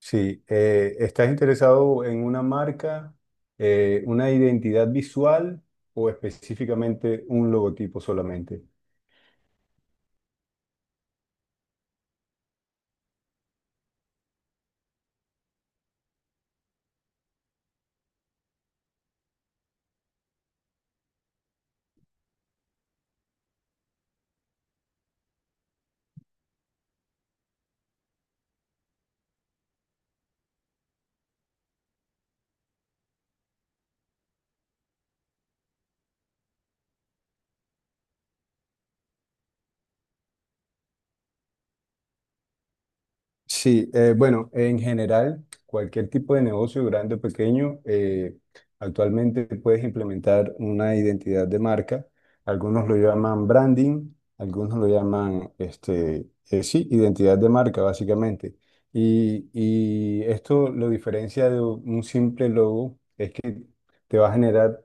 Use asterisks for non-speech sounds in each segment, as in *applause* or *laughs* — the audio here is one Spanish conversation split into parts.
Sí, ¿estás interesado en una marca, una identidad visual o específicamente un logotipo solamente? Sí, bueno, en general, cualquier tipo de negocio, grande o pequeño, actualmente puedes implementar una identidad de marca. Algunos lo llaman branding, algunos lo llaman, este, sí, identidad de marca, básicamente. Y esto lo diferencia de un simple logo, es que te va a generar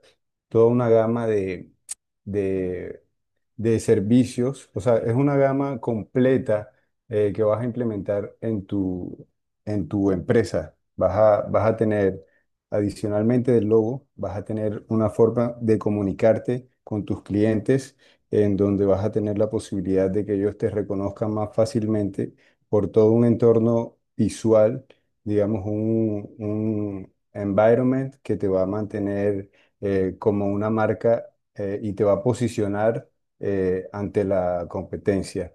toda una gama de de servicios, o sea, es una gama completa que vas a implementar en en tu empresa. Vas a tener, adicionalmente del logo, vas a tener una forma de comunicarte con tus clientes, en donde vas a tener la posibilidad de que ellos te reconozcan más fácilmente por todo un entorno visual, digamos, un environment que te va a mantener como una marca y te va a posicionar ante la competencia.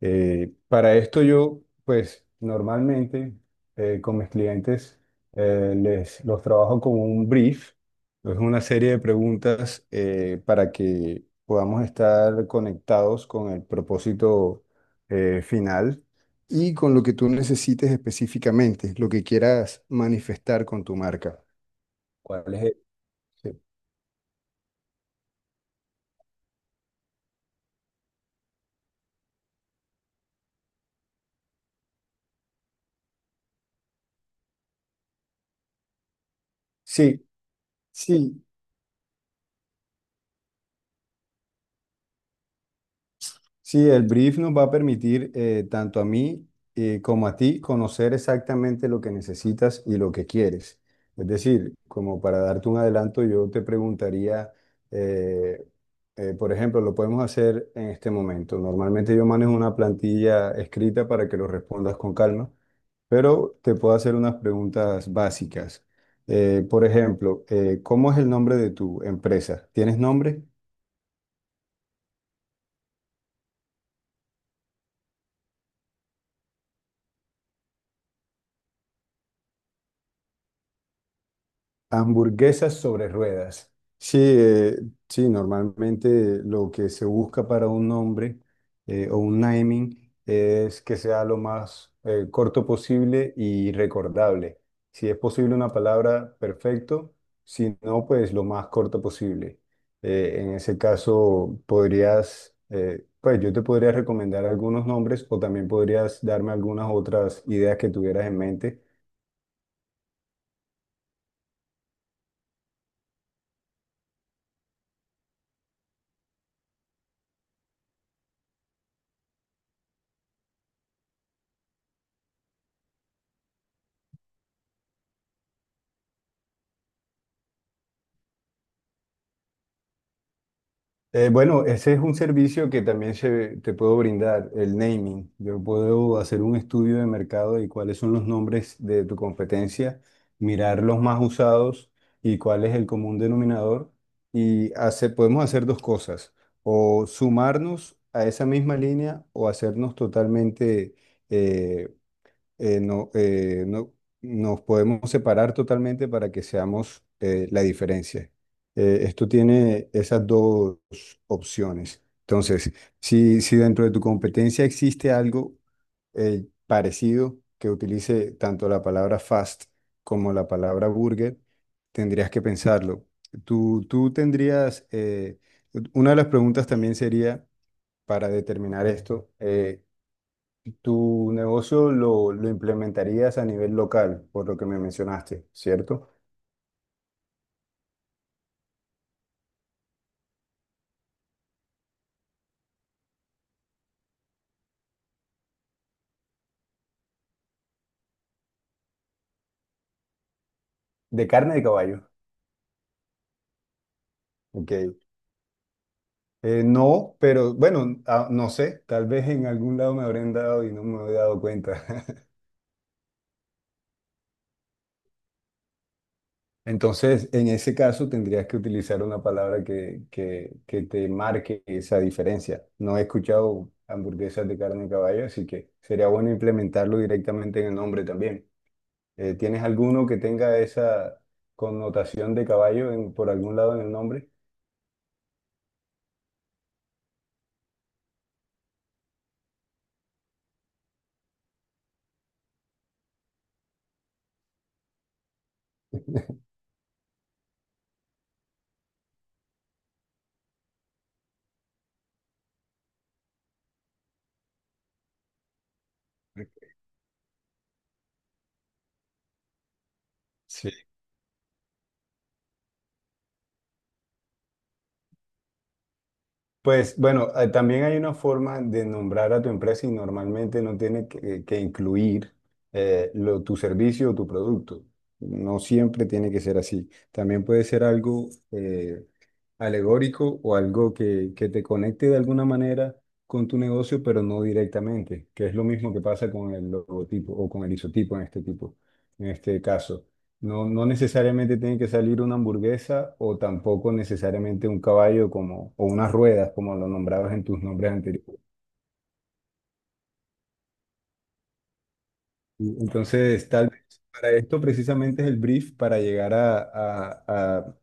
Para esto yo, pues normalmente con mis clientes los trabajo con un brief, es una serie de preguntas para que podamos estar conectados con el propósito final y con lo que tú necesites específicamente, lo que quieras manifestar con tu marca. ¿Cuál es el- Sí, sí, sí. Sí, el brief nos va a permitir tanto a mí como a ti conocer exactamente lo que necesitas y lo que quieres. Es decir, como para darte un adelanto, yo te preguntaría, eh, por ejemplo, lo podemos hacer en este momento. Normalmente yo manejo una plantilla escrita para que lo respondas con calma, pero te puedo hacer unas preguntas básicas. Por ejemplo, ¿cómo es el nombre de tu empresa? ¿Tienes nombre? Hamburguesas sobre ruedas. Sí, sí, normalmente lo que se busca para un nombre o un naming es que sea lo más corto posible y recordable. Si es posible una palabra, perfecto. Si no, pues lo más corto posible. En ese caso, podrías, pues yo te podría recomendar algunos nombres o también podrías darme algunas otras ideas que tuvieras en mente. Bueno, ese es un servicio que también te puedo brindar, el naming. Yo puedo hacer un estudio de mercado y cuáles son los nombres de tu competencia, mirar los más usados y cuál es el común denominador. Y hacer, podemos hacer dos cosas, o sumarnos a esa misma línea o hacernos totalmente eh, eh, no, eh, no- nos podemos separar totalmente para que seamos la diferencia. Esto tiene esas dos opciones. Entonces, si dentro de tu competencia existe algo parecido que utilice tanto la palabra fast como la palabra burger, tendrías que pensarlo. Tú tendrías, una de las preguntas también sería, para determinar esto, tu negocio lo implementarías a nivel local, por lo que me mencionaste, ¿cierto? De carne de caballo. Ok. No, pero bueno, ah, no sé, tal vez en algún lado me habrán dado y no me he dado cuenta. *laughs* Entonces, en ese caso tendrías que utilizar una palabra que te marque esa diferencia. No he escuchado hamburguesas de carne de caballo, así que sería bueno implementarlo directamente en el nombre también. ¿Tienes alguno que tenga esa connotación de caballo en- por algún lado en el nombre? Sí. Pues bueno, también hay una forma de nombrar a tu empresa y normalmente no tiene que incluir tu servicio o tu producto. No siempre tiene que ser así. También puede ser algo alegórico o algo que te conecte de alguna manera con tu negocio, pero no directamente, que es lo mismo que pasa con el logotipo o con el isotipo en este tipo, en este caso. No necesariamente tiene que salir una hamburguesa o tampoco necesariamente un caballo como, o unas ruedas, como lo nombrabas en tus nombres anteriores. Entonces, tal vez para esto precisamente es el brief para llegar a,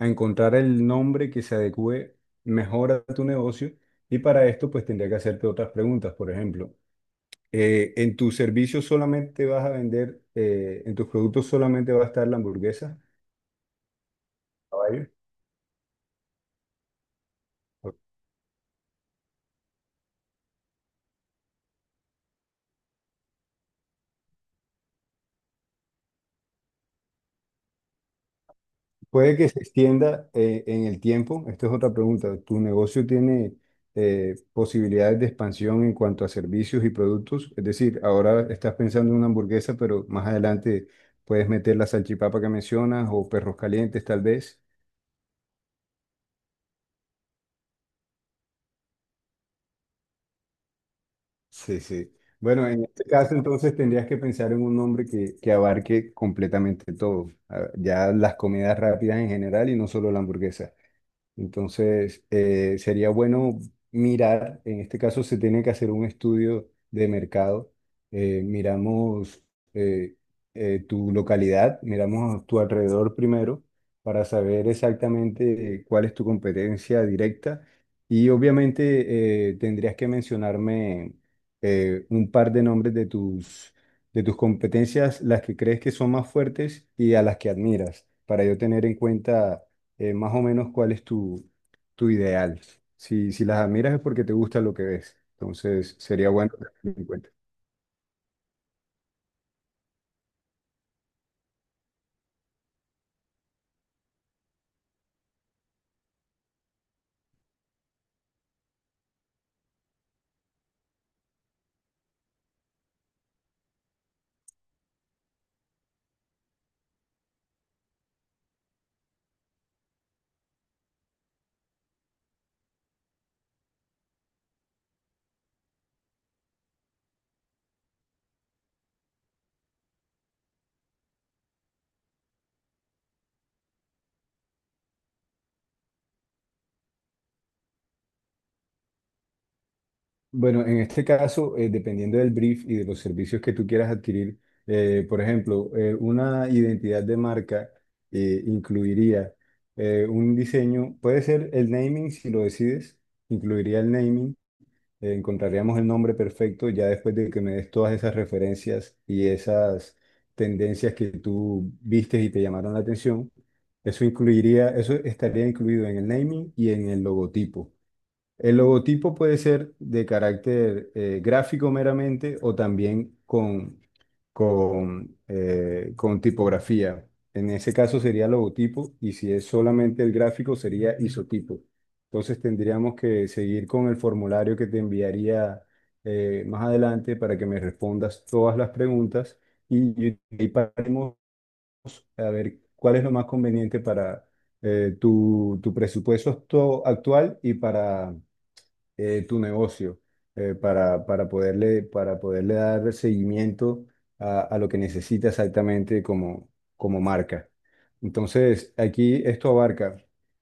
a encontrar el nombre que se adecue mejor a tu negocio y para esto pues tendría que hacerte otras preguntas. Por ejemplo, ¿en tus servicios solamente vas a vender, en tus productos solamente va a estar la hamburguesa? Caballo. Ok. Puede que se extienda en el tiempo. Esta es otra pregunta. ¿Tu negocio tiene posibilidades de expansión en cuanto a servicios y productos? Es decir, ahora estás pensando en una hamburguesa, pero más adelante puedes meter la salchipapa que mencionas o perros calientes tal vez. Sí, sí. Bueno, en este caso entonces tendrías que pensar en un nombre que abarque completamente todo, a- ya las comidas rápidas en general y no solo la hamburguesa. Entonces, sería bueno mirar, en este caso se tiene que hacer un estudio de mercado. Miramos eh, tu localidad, miramos a tu alrededor primero para saber exactamente cuál es tu competencia directa. Y obviamente tendrías que mencionarme un par de nombres de de tus competencias, las que crees que son más fuertes y a las que admiras, para yo tener en cuenta más o menos cuál es tu ideal. Si las admiras es porque te gusta lo que ves. Entonces, sería bueno tener en cuenta. Bueno, en este caso, dependiendo del brief y de los servicios que tú quieras adquirir, por ejemplo, una identidad de marca incluiría un diseño, puede ser el naming si lo decides, incluiría el naming encontraríamos el nombre perfecto ya después de que me des todas esas referencias y esas tendencias que tú vistes y te llamaron la atención. Eso incluiría, eso estaría incluido en el naming y en el logotipo. El logotipo puede ser de carácter gráfico meramente o también con tipografía. En ese caso sería logotipo y si es solamente el gráfico sería isotipo. Entonces tendríamos que seguir con el formulario que te enviaría más adelante para que me respondas todas las preguntas y paremos a ver cuál es lo más conveniente para tu presupuesto actual y para tu negocio para poderle dar seguimiento a lo que necesita exactamente como, como marca. Entonces, aquí esto abarca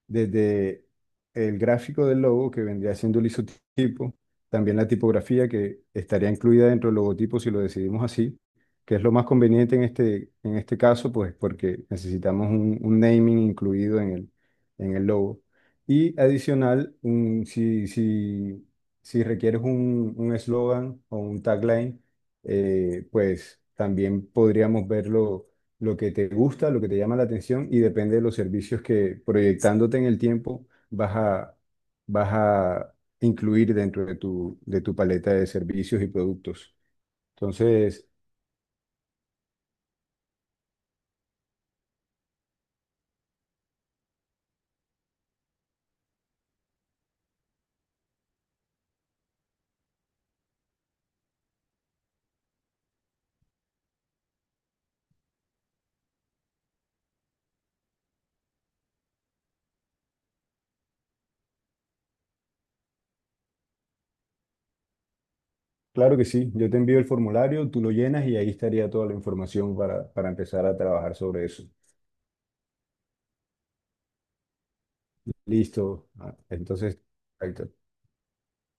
desde el gráfico del logo, que vendría siendo el isotipo, también la tipografía, que estaría incluida dentro del logotipo si lo decidimos así, que es lo más conveniente en este caso, pues porque necesitamos un naming incluido en el logo y adicional, si requieres un eslogan o un tagline, pues también podríamos ver lo que te gusta, lo que te llama la atención y depende de los servicios que proyectándote en el tiempo vas vas a incluir dentro de de tu paleta de servicios y productos. Entonces, claro que sí, yo te envío el formulario, tú lo llenas y ahí estaría toda la información para empezar a trabajar sobre eso. Listo. Ah, entonces, ahí